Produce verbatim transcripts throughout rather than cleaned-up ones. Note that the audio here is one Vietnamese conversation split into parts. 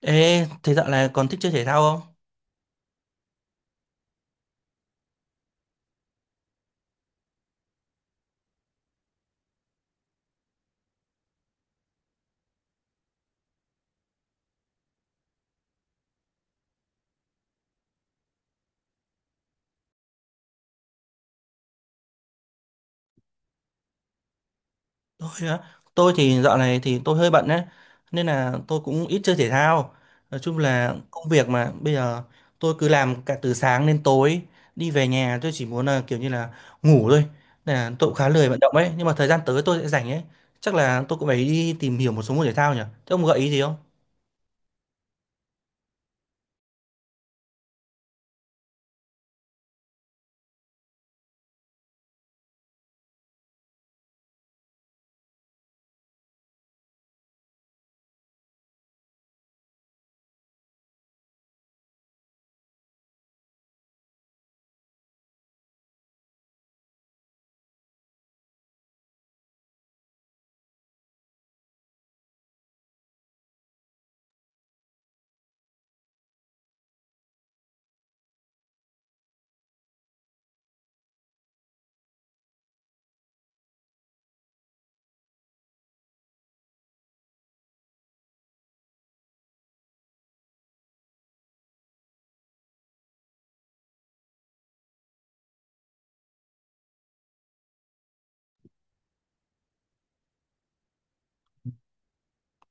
Ê, thế dạo này còn thích chơi thể thao không? Tôi á, tôi thì dạo này thì tôi hơi bận đấy, nên là tôi cũng ít chơi thể thao. Nói chung là công việc mà bây giờ tôi cứ làm cả từ sáng đến tối, đi về nhà tôi chỉ muốn là kiểu như là ngủ thôi. Nên là tôi cũng khá lười vận động ấy, nhưng mà thời gian tới tôi sẽ rảnh ấy. Chắc là tôi cũng phải đi tìm hiểu một số môn thể thao nhỉ? Thế ông gợi ý gì không?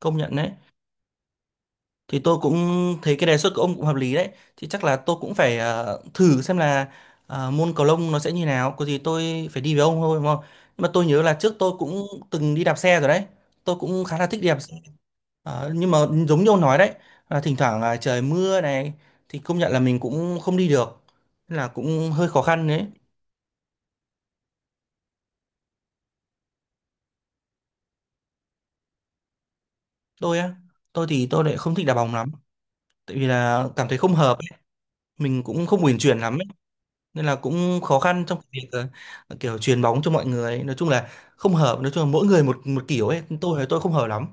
Công nhận đấy. Thì tôi cũng thấy cái đề xuất của ông cũng hợp lý đấy, thì chắc là tôi cũng phải ờ, thử xem là ờ, môn cầu lông nó sẽ như nào. Có gì tôi phải đi với ông thôi, đúng không? Nhưng mà tôi nhớ là trước tôi cũng từng đi đạp xe rồi đấy, tôi cũng khá là thích đi đạp xe. Ờ, nhưng mà giống như ông nói đấy, là thỉnh thoảng là trời mưa này, thì công nhận là mình cũng không đi được. Nên là cũng hơi khó khăn đấy. Tôi á, tôi thì tôi lại không thích đá bóng lắm, tại vì là cảm thấy không hợp ấy. Mình cũng không uyển chuyển lắm ấy. Nên là cũng khó khăn trong việc ờ, ờ, kiểu truyền bóng cho mọi người ấy. Nói chung là không hợp, nói chung là mỗi người một một kiểu ấy, tôi thì tôi không hợp lắm.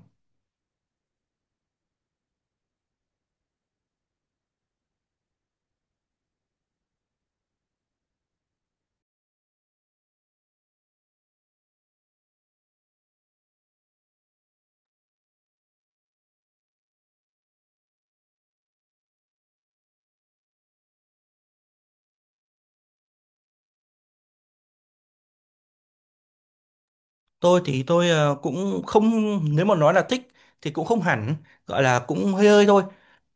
Tôi thì tôi ờ, cũng không, nếu mà nói là thích thì cũng không hẳn, gọi là cũng hơi hơi thôi.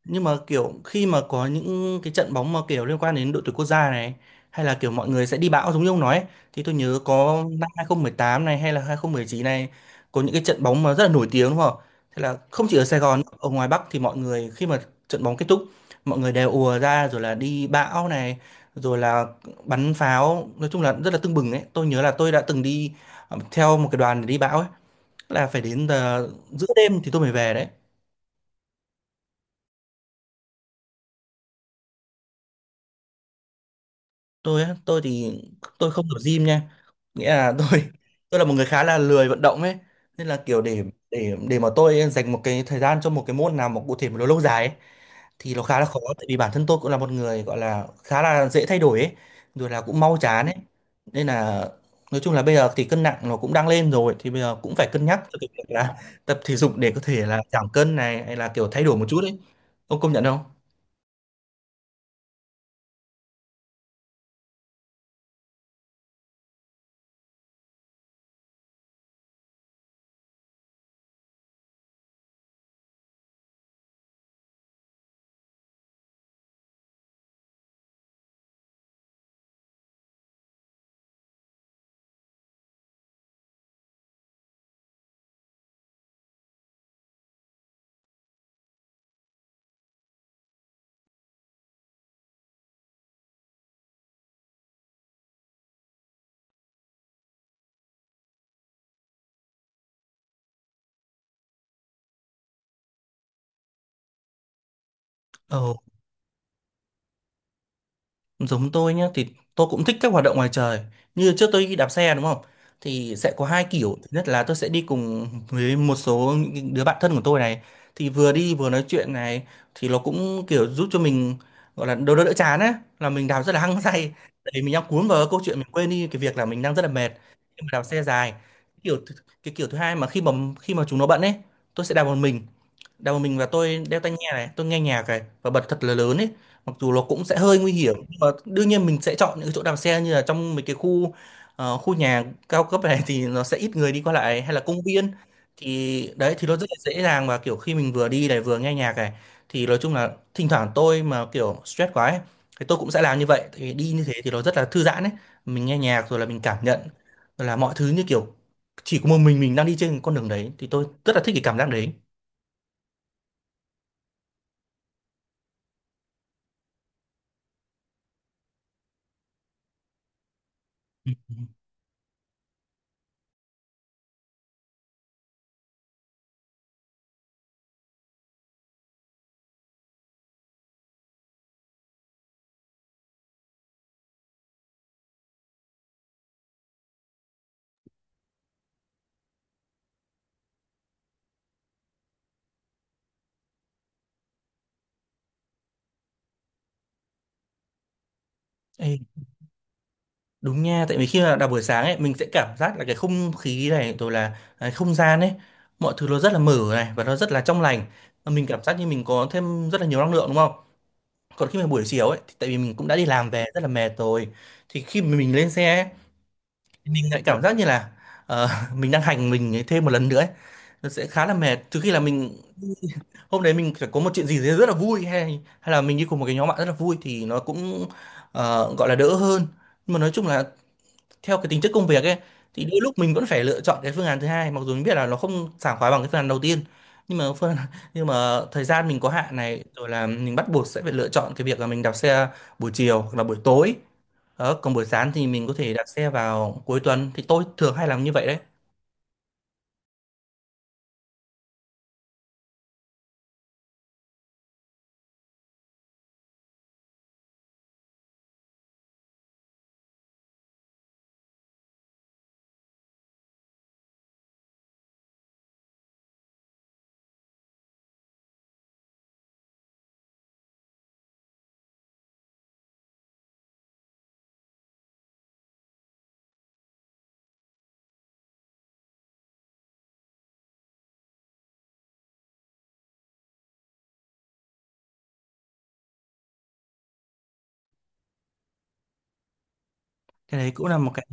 Nhưng mà kiểu khi mà có những cái trận bóng mà kiểu liên quan đến đội tuyển quốc gia này, hay là kiểu mọi người sẽ đi bão giống như ông nói ấy, thì tôi nhớ có năm hai không một tám này hay là hai không một chín này, có những cái trận bóng mà rất là nổi tiếng đúng không? Thế là không chỉ ở Sài Gòn, ở ngoài Bắc thì mọi người khi mà trận bóng kết thúc, mọi người đều ùa ra rồi là đi bão này, rồi là bắn pháo, nói chung là rất là tưng bừng ấy. Tôi nhớ là tôi đã từng đi ờ, theo một cái đoàn để đi bão ấy, là phải đến giờ giữa đêm thì tôi mới về đấy. Tôi á, tôi thì tôi không tập gym nha, nghĩa là tôi tôi là một người khá là lười vận động ấy, nên là kiểu để để để mà tôi dành một cái thời gian cho một cái môn nào mà cụ thể mà nó lâu dài ấy, thì nó khá là khó, tại vì bản thân tôi cũng là một người gọi là khá là dễ thay đổi ấy, rồi là cũng mau chán ấy. Nên là nói chung là bây giờ thì cân nặng nó cũng đang lên rồi, thì bây giờ cũng phải cân nhắc cho cái việc là tập thể dục để có thể là giảm cân này, hay là kiểu thay đổi một chút ấy. Ông công nhận không? Giống tôi nhé, thì tôi cũng thích các hoạt động ngoài trời, như trước tôi đi đạp xe đúng không, thì sẽ có hai kiểu. Thứ nhất là tôi sẽ đi cùng với một số những đứa bạn thân của tôi này, thì vừa đi vừa nói chuyện này, thì nó cũng kiểu giúp cho mình, gọi là đỡ đỡ đỡ chán á, là mình đạp rất là hăng say, để mình đang cuốn vào câu chuyện, mình quên đi cái việc là mình đang rất là mệt khi mà đạp xe dài. Cái kiểu th- cái kiểu thứ hai mà khi mà khi mà chúng nó bận ấy, tôi sẽ đạp một mình, đeo một mình, và tôi đeo tai nghe này, tôi nghe nhạc này và bật thật là lớn ấy. Mặc dù nó cũng sẽ hơi nguy hiểm, nhưng mà đương nhiên mình sẽ chọn những cái chỗ đạp xe như là trong mấy cái khu ờ, khu nhà cao cấp này, thì nó sẽ ít người đi qua lại, hay là công viên. Thì đấy, thì nó rất là dễ dàng. Và kiểu khi mình vừa đi này vừa nghe nhạc này, thì nói chung là thỉnh thoảng tôi mà kiểu stress quá ấy, thì tôi cũng sẽ làm như vậy, tại vì đi như thế thì nó rất là thư giãn ấy. Mình nghe nhạc, rồi là mình cảm nhận, rồi là mọi thứ như kiểu chỉ có một mình mình đang đi trên con đường đấy, thì tôi rất là thích cái cảm giác đấy. Ê, đúng nha, tại vì khi mà đọc buổi sáng ấy, mình sẽ cảm giác là cái không khí này, rồi là cái không gian ấy, mọi thứ nó rất là mở này và nó rất là trong lành. Và mình cảm giác như mình có thêm rất là nhiều năng lượng đúng không? Còn khi mà buổi chiều ấy, thì tại vì mình cũng đã đi làm về rất là mệt rồi. Thì khi mà mình lên xe ấy, thì mình lại cảm giác như là ờ, mình đang hành mình thêm một lần nữa ấy. Nó sẽ khá là mệt. Trừ khi là mình hôm đấy mình phải có một chuyện gì đấy rất là vui, hay hay là mình đi cùng một cái nhóm bạn rất là vui, thì nó cũng ờ, gọi là đỡ hơn. Nhưng mà nói chung là theo cái tính chất công việc ấy, thì đôi lúc mình vẫn phải lựa chọn cái phương án thứ hai, mặc dù mình biết là nó không sảng khoái bằng cái phương án đầu tiên. Nhưng mà phương nhưng mà thời gian mình có hạn này, rồi là mình bắt buộc sẽ phải lựa chọn cái việc là mình đạp xe buổi chiều hoặc là buổi tối. Đó, còn buổi sáng thì mình có thể đạp xe vào cuối tuần, thì tôi thường hay làm như vậy đấy. Cái đấy cũng là một cái,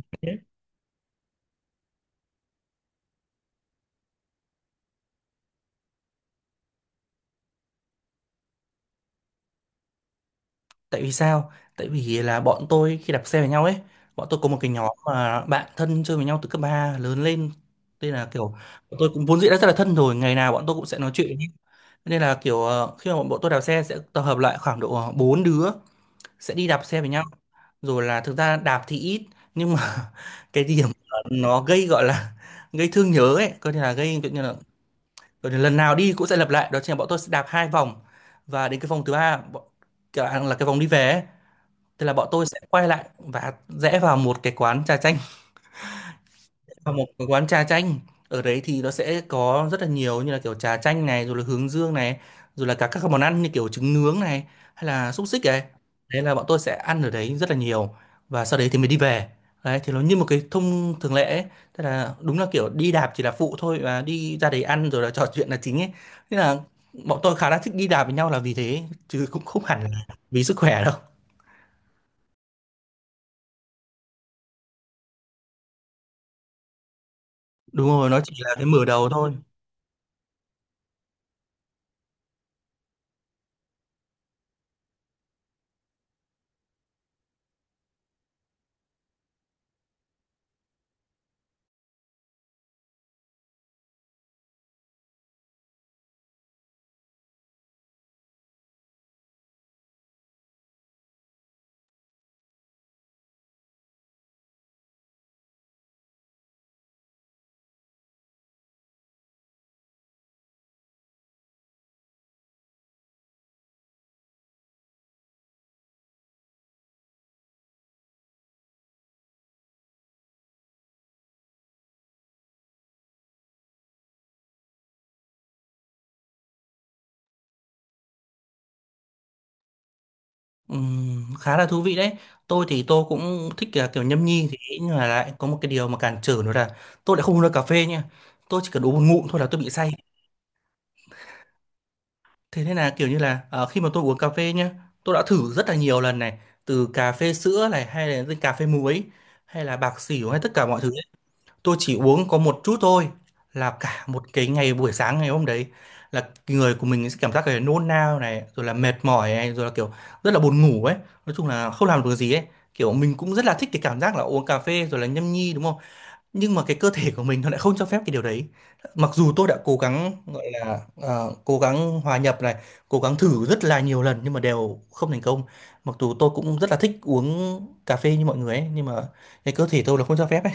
tại vì sao, tại vì là bọn tôi khi đạp xe với nhau ấy, bọn tôi có một cái nhóm mà bạn thân chơi với nhau từ cấp ba lớn lên, nên là kiểu bọn tôi cũng vốn dĩ đã rất là thân rồi, ngày nào bọn tôi cũng sẽ nói chuyện. Nên là kiểu ờ, khi mà bọn tôi đạp xe sẽ tập hợp lại khoảng độ ờ, bốn đứa, sẽ đi đạp xe với nhau. Rồi là thực ra đạp thì ít, nhưng mà cái điểm nó gây, gọi là gây thương nhớ ấy, coi như là gây kiểu như là, coi như lần nào đi cũng sẽ lặp lại, đó chính là bọn tôi sẽ đạp hai vòng, và đến cái vòng thứ ba bọn, kiểu là cái vòng đi về ấy, thì là bọn tôi sẽ quay lại và rẽ vào một cái quán trà chanh, vào một cái quán trà chanh. Ở đấy thì nó sẽ có rất là nhiều, như là kiểu trà chanh này, rồi là hướng dương này, rồi là cả các món ăn như kiểu trứng nướng này, hay là xúc xích này, đấy là bọn tôi sẽ ăn ở đấy rất là nhiều, và sau đấy thì mới đi về. Đấy thì nó như một cái thông thường lệ ấy. Tức là đúng là kiểu đi đạp chỉ là phụ thôi, và đi ra đấy ăn rồi là trò chuyện là chính ấy. Thế là bọn tôi khá là thích đi đạp với nhau là vì thế, chứ cũng không hẳn là vì sức khỏe đâu. Đúng rồi, nó chỉ là cái mở đầu thôi. Ừm, khá là thú vị đấy. Tôi thì tôi cũng thích là kiểu nhâm nhi thì, nhưng mà lại có một cái điều mà cản trở nữa là tôi lại không uống được cà phê nha. Tôi chỉ cần uống một ngụm thôi là tôi bị say. Thế nên là kiểu như là ờ, khi mà tôi uống cà phê nhá, tôi đã thử rất là nhiều lần này, từ cà phê sữa này hay là cà phê muối hay là bạc xỉu hay tất cả mọi thứ. Tôi chỉ uống có một chút thôi là cả một cái ngày buổi sáng ngày hôm đấy là người của mình sẽ cảm giác cái nôn nao này rồi là mệt mỏi này rồi là kiểu rất là buồn ngủ ấy, nói chung là không làm được gì ấy. Kiểu mình cũng rất là thích cái cảm giác là uống cà phê rồi là nhâm nhi đúng không, nhưng mà cái cơ thể của mình nó lại không cho phép cái điều đấy. Mặc dù tôi đã cố gắng gọi là ờ, cố gắng hòa nhập này, cố gắng thử rất là nhiều lần nhưng mà đều không thành công. Mặc dù tôi cũng rất là thích uống cà phê như mọi người ấy, nhưng mà cái cơ thể tôi là không cho phép ấy.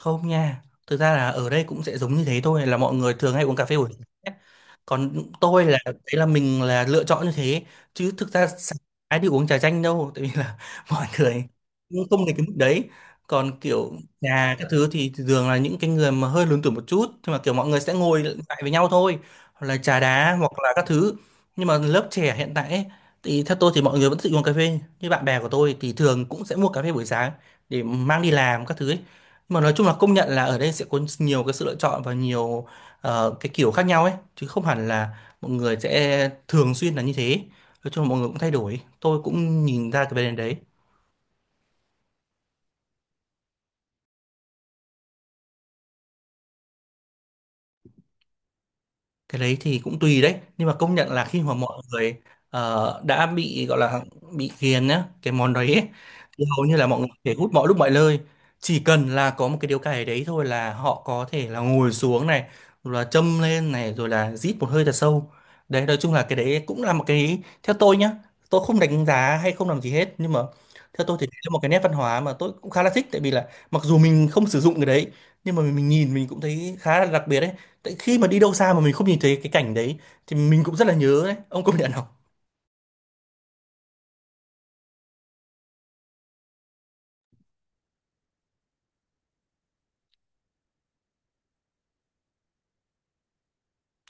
Không nha, thực ra là ở đây cũng sẽ giống như thế thôi, là mọi người thường hay uống cà phê buổi sáng ấy. Còn tôi là đấy là mình là lựa chọn như thế, chứ thực ra sáng ai đi uống trà chanh đâu, tại vì là mọi người cũng không đến cái mức đấy. Còn kiểu trà các thứ thì thường là những cái người mà hơi lớn tuổi một chút, nhưng mà kiểu mọi người sẽ ngồi lại với nhau thôi, hoặc là trà đá hoặc là các thứ. Nhưng mà lớp trẻ hiện tại ấy, thì theo tôi thì mọi người vẫn thích uống cà phê, như bạn bè của tôi thì thường cũng sẽ mua cà phê buổi sáng để mang đi làm các thứ ấy. Nhưng mà nói chung là công nhận là ở đây sẽ có nhiều cái sự lựa chọn và nhiều ờ, cái kiểu khác nhau ấy, chứ không hẳn là mọi người sẽ thường xuyên là như thế. Nói chung là mọi người cũng thay đổi, tôi cũng nhìn ra cái vấn đề đấy. Cái đấy thì cũng tùy đấy, nhưng mà công nhận là khi mà mọi người ờ, đã bị gọi là bị ghiền nhá cái món đấy ấy, thì hầu như là mọi người có thể hút mọi lúc mọi nơi. Chỉ cần là có một cái điếu cày đấy thôi là họ có thể là ngồi xuống này rồi là châm lên này rồi là rít một hơi thật sâu. Đấy, nói chung là cái đấy cũng là một cái, theo tôi nhá, tôi không đánh giá hay không làm gì hết, nhưng mà theo tôi thì đấy là một cái nét văn hóa mà tôi cũng khá là thích, tại vì là mặc dù mình không sử dụng cái đấy, nhưng mà mình nhìn mình cũng thấy khá là đặc biệt đấy. Tại khi mà đi đâu xa mà mình không nhìn thấy cái cảnh đấy thì mình cũng rất là nhớ đấy, ông công nhận.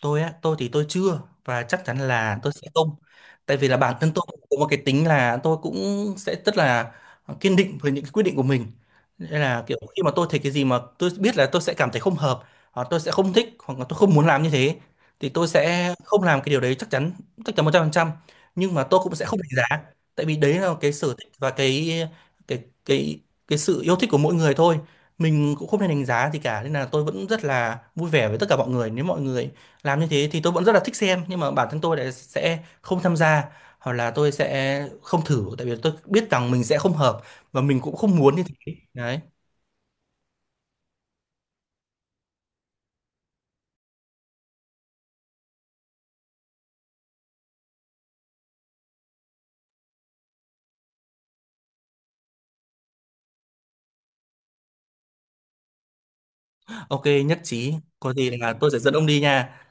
Tôi á, tôi thì tôi chưa, và chắc chắn là Ừ, tôi sẽ không, tại vì là bản thân tôi cũng có một cái tính là tôi cũng sẽ rất là kiên định với những cái quyết định của mình. Nên là kiểu khi mà tôi thấy cái gì mà tôi biết là tôi sẽ cảm thấy không hợp, hoặc tôi sẽ không thích, hoặc là tôi không muốn làm như thế, thì tôi sẽ không làm cái điều đấy, chắc chắn, chắc chắn một trăm phần trăm. Nhưng mà tôi cũng sẽ không đánh giá, tại vì đấy là cái sở thích và cái cái cái cái sự yêu thích của mỗi người thôi. Mình cũng không nên đánh giá gì cả, nên là tôi vẫn rất là vui vẻ với tất cả mọi người. Nếu mọi người làm như thế thì tôi vẫn rất là thích xem, nhưng mà bản thân tôi lại sẽ không tham gia, hoặc là tôi sẽ không thử, tại vì tôi biết rằng mình sẽ không hợp và mình cũng không muốn như thế đấy. Ok, nhất trí, có gì là tôi sẽ dẫn ông đi nha.